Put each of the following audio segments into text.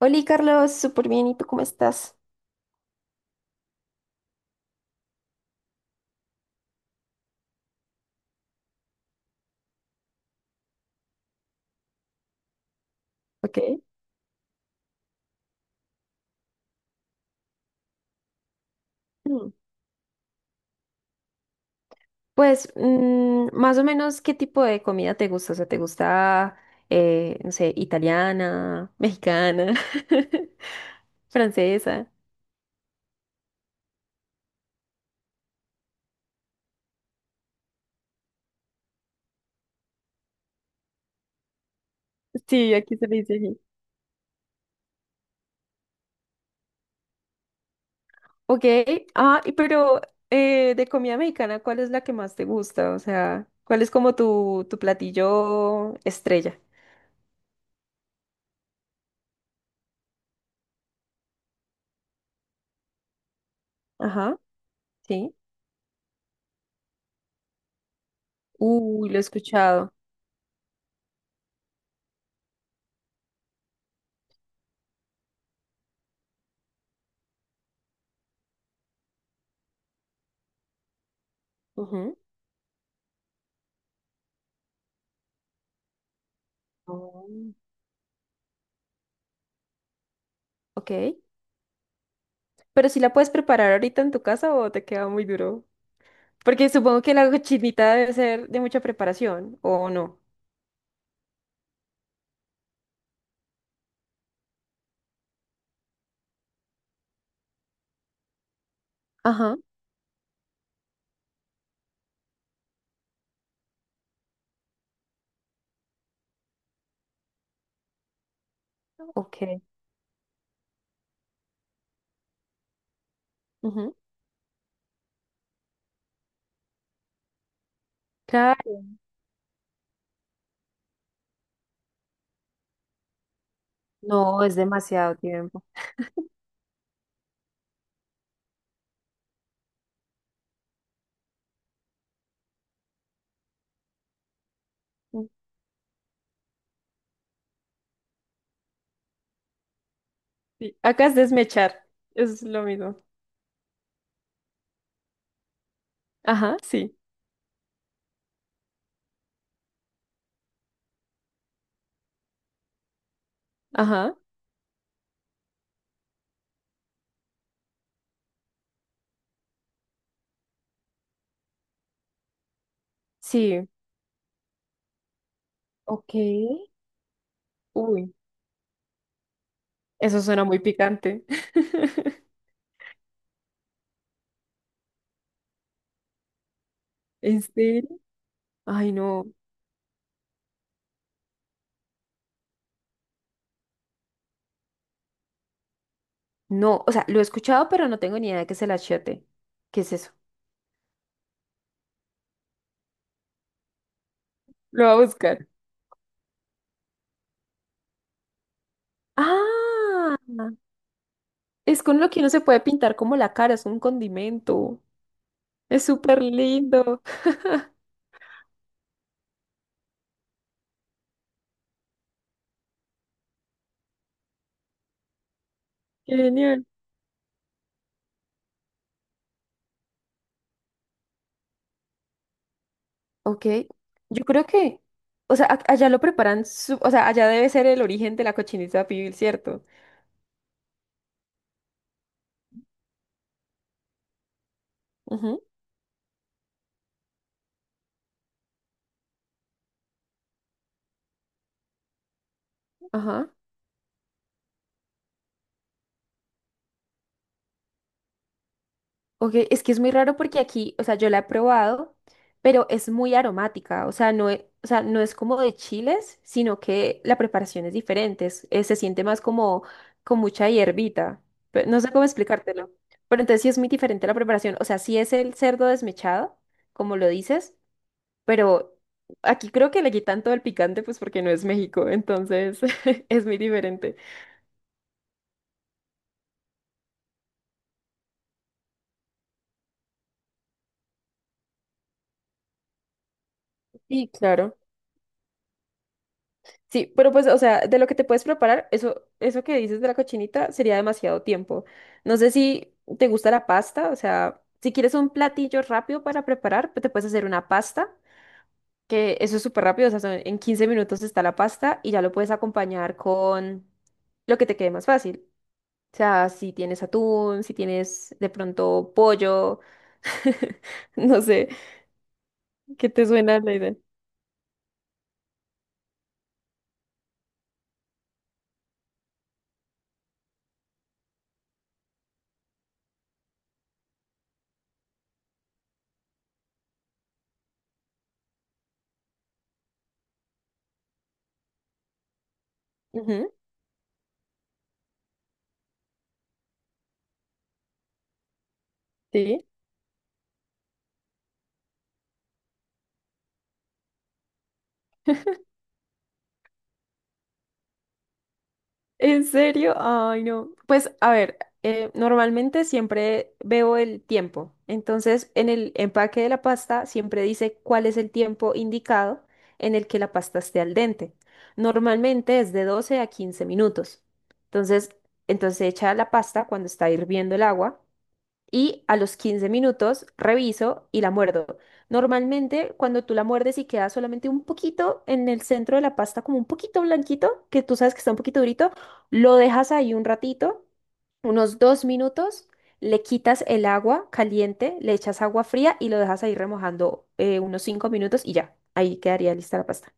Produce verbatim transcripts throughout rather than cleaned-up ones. Hola Carlos, súper bien, ¿y tú cómo estás? Ok. Mm. Pues mm, más o menos, ¿qué tipo de comida te gusta? O sea, ¿te gusta, eh, no sé, italiana, mexicana, francesa? Sí, aquí se le dice así. Ok, ah, y pero eh, de comida mexicana, ¿cuál es la que más te gusta? O sea, ¿cuál es como tu, tu platillo estrella? Ajá, sí. Uy, lo he escuchado. Ujú. Oh. Ok. Pero si la puedes preparar ahorita en tu casa o te queda muy duro. Porque supongo que la cochinita debe ser de mucha preparación, ¿o no? Ajá, ok. Ujú. Claro. No, es demasiado tiempo. Sí, acá es desmechar. Es lo mismo. Ajá, sí. Ajá, sí. Ok. Uy, eso suena muy picante. ¿En serio? Ay, no. No, o sea, lo he escuchado, pero no tengo ni idea de qué es el achiote. ¿Qué es eso? Lo voy a buscar. Ah. Es con lo que uno se puede pintar como la cara, es un condimento. Es súper lindo. Qué genial. Ok, yo creo que, o sea, a- allá lo preparan, su- o sea, allá debe ser el origen de la cochinita pibil, ¿cierto? Ujú. Ajá. Ok, es que es muy raro porque aquí, o sea, yo la he probado, pero es muy aromática, o sea, no es, o sea, no es como de chiles, sino que la preparación es diferente, es- eh, se siente más como con mucha hierbita, pe- no sé cómo explicártelo, pero entonces sí es muy diferente la preparación, o sea, sí es el cerdo desmechado, como lo dices, pero aquí creo que le quitan todo el picante, pues porque no es México, entonces es muy diferente. Sí, claro. Sí, pero pues, o sea, de lo que te puedes preparar, eso, eso que dices de la cochinita sería demasiado tiempo. No sé si te gusta la pasta, o sea, si quieres un platillo rápido para preparar, pues te puedes hacer una pasta, que eso es súper rápido, o sea, son- en quince minutos está la pasta y ya lo puedes acompañar con lo que te quede más fácil. O sea, si tienes atún, si tienes de pronto pollo, no sé, ¿qué te suena la idea? Ujú. Sí. ¿En serio? Ay, no. Pues a ver, eh, normalmente siempre veo el tiempo. Entonces, en el empaque de la pasta siempre dice cuál es el tiempo indicado en el que la pasta esté al dente. Normalmente es de doce a quince minutos. Entonces, entonces se echa la pasta cuando está hirviendo el agua y a los quince minutos reviso y la muerdo. Normalmente cuando tú la muerdes y queda solamente un poquito en el centro de la pasta, como un poquito blanquito, que tú sabes que está un poquito durito, lo dejas ahí un ratito, unos dos minutos, le quitas el agua caliente, le echas agua fría y lo dejas ahí remojando eh, unos cinco minutos y ya, ahí quedaría lista la pasta.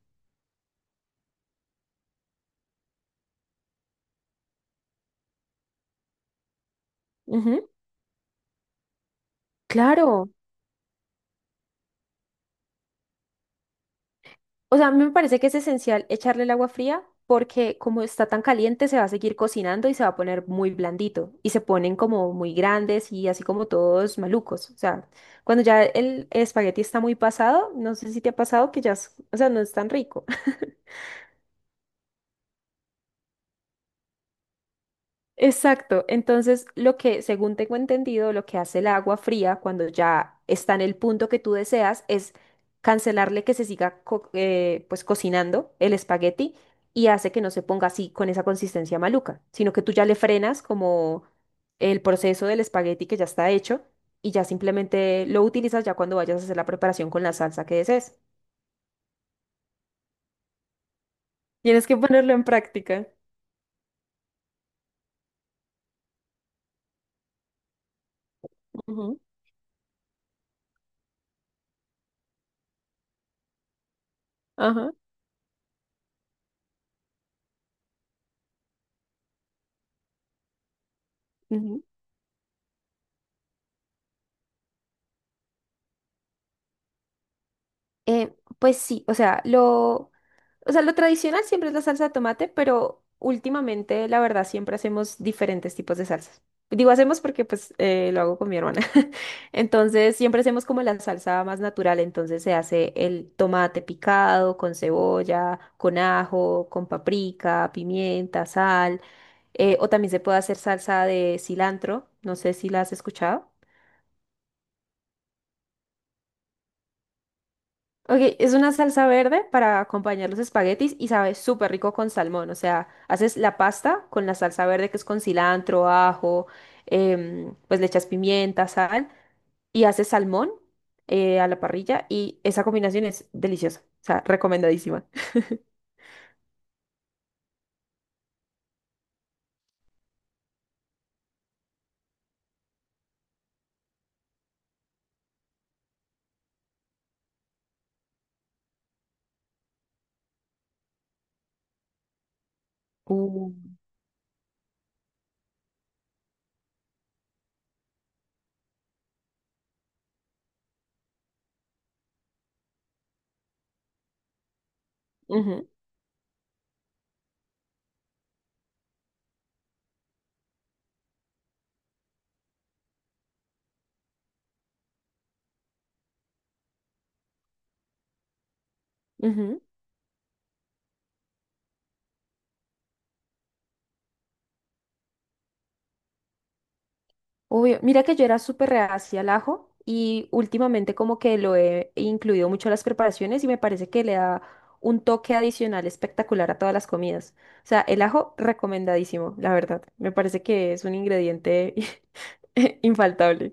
Ujú. Claro. O sea, a mí me parece que es esencial echarle el agua fría porque como está tan caliente se va a seguir cocinando y se va a poner muy blandito y se ponen como muy grandes y así como todos malucos. O sea, cuando ya el espagueti está muy pasado, no sé si te ha pasado que ya, es- o sea, no es tan rico. Exacto. Entonces, lo que, según tengo entendido, lo que hace el agua fría cuando ya está en el punto que tú deseas es cancelarle que se siga co- eh, pues cocinando el espagueti y hace que no se ponga así con esa consistencia maluca, sino que tú ya le frenas como el proceso del espagueti que ya está hecho y ya simplemente lo utilizas ya cuando vayas a hacer la preparación con la salsa que desees. Tienes que ponerlo en práctica. Ujú. Ajá. Ujú. Eh, pues sí, o sea, lo o sea, lo tradicional siempre es la salsa de tomate, pero últimamente, la verdad, siempre hacemos diferentes tipos de salsas. Digo, hacemos porque pues eh, lo hago con mi hermana. Entonces, siempre hacemos como la salsa más natural. Entonces, se hace el tomate picado con cebolla, con ajo, con paprika, pimienta, sal. eh, o también se puede hacer salsa de cilantro. No sé si la has escuchado. Ok, es una salsa verde para acompañar los espaguetis y sabe súper rico con salmón. O sea, haces la pasta con la salsa verde que es con cilantro, ajo, em, pues le echas pimienta, sal y haces salmón, eh, a la parrilla, y esa combinación es deliciosa. O sea, recomendadísima. Uh, Ujú, ujú. Obvio, mira que yo era súper reacia al ajo y últimamente como que lo he incluido mucho a las preparaciones y me parece que le da un toque adicional espectacular a todas las comidas. O sea, el ajo recomendadísimo, la verdad. Me parece que es un ingrediente infaltable.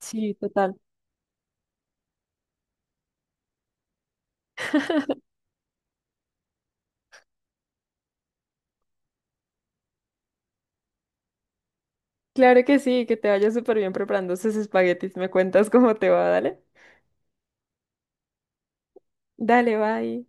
Sí, total. Claro que sí, que te vayas súper bien preparando esos espaguetis. Me cuentas cómo te va, dale. Dale, bye.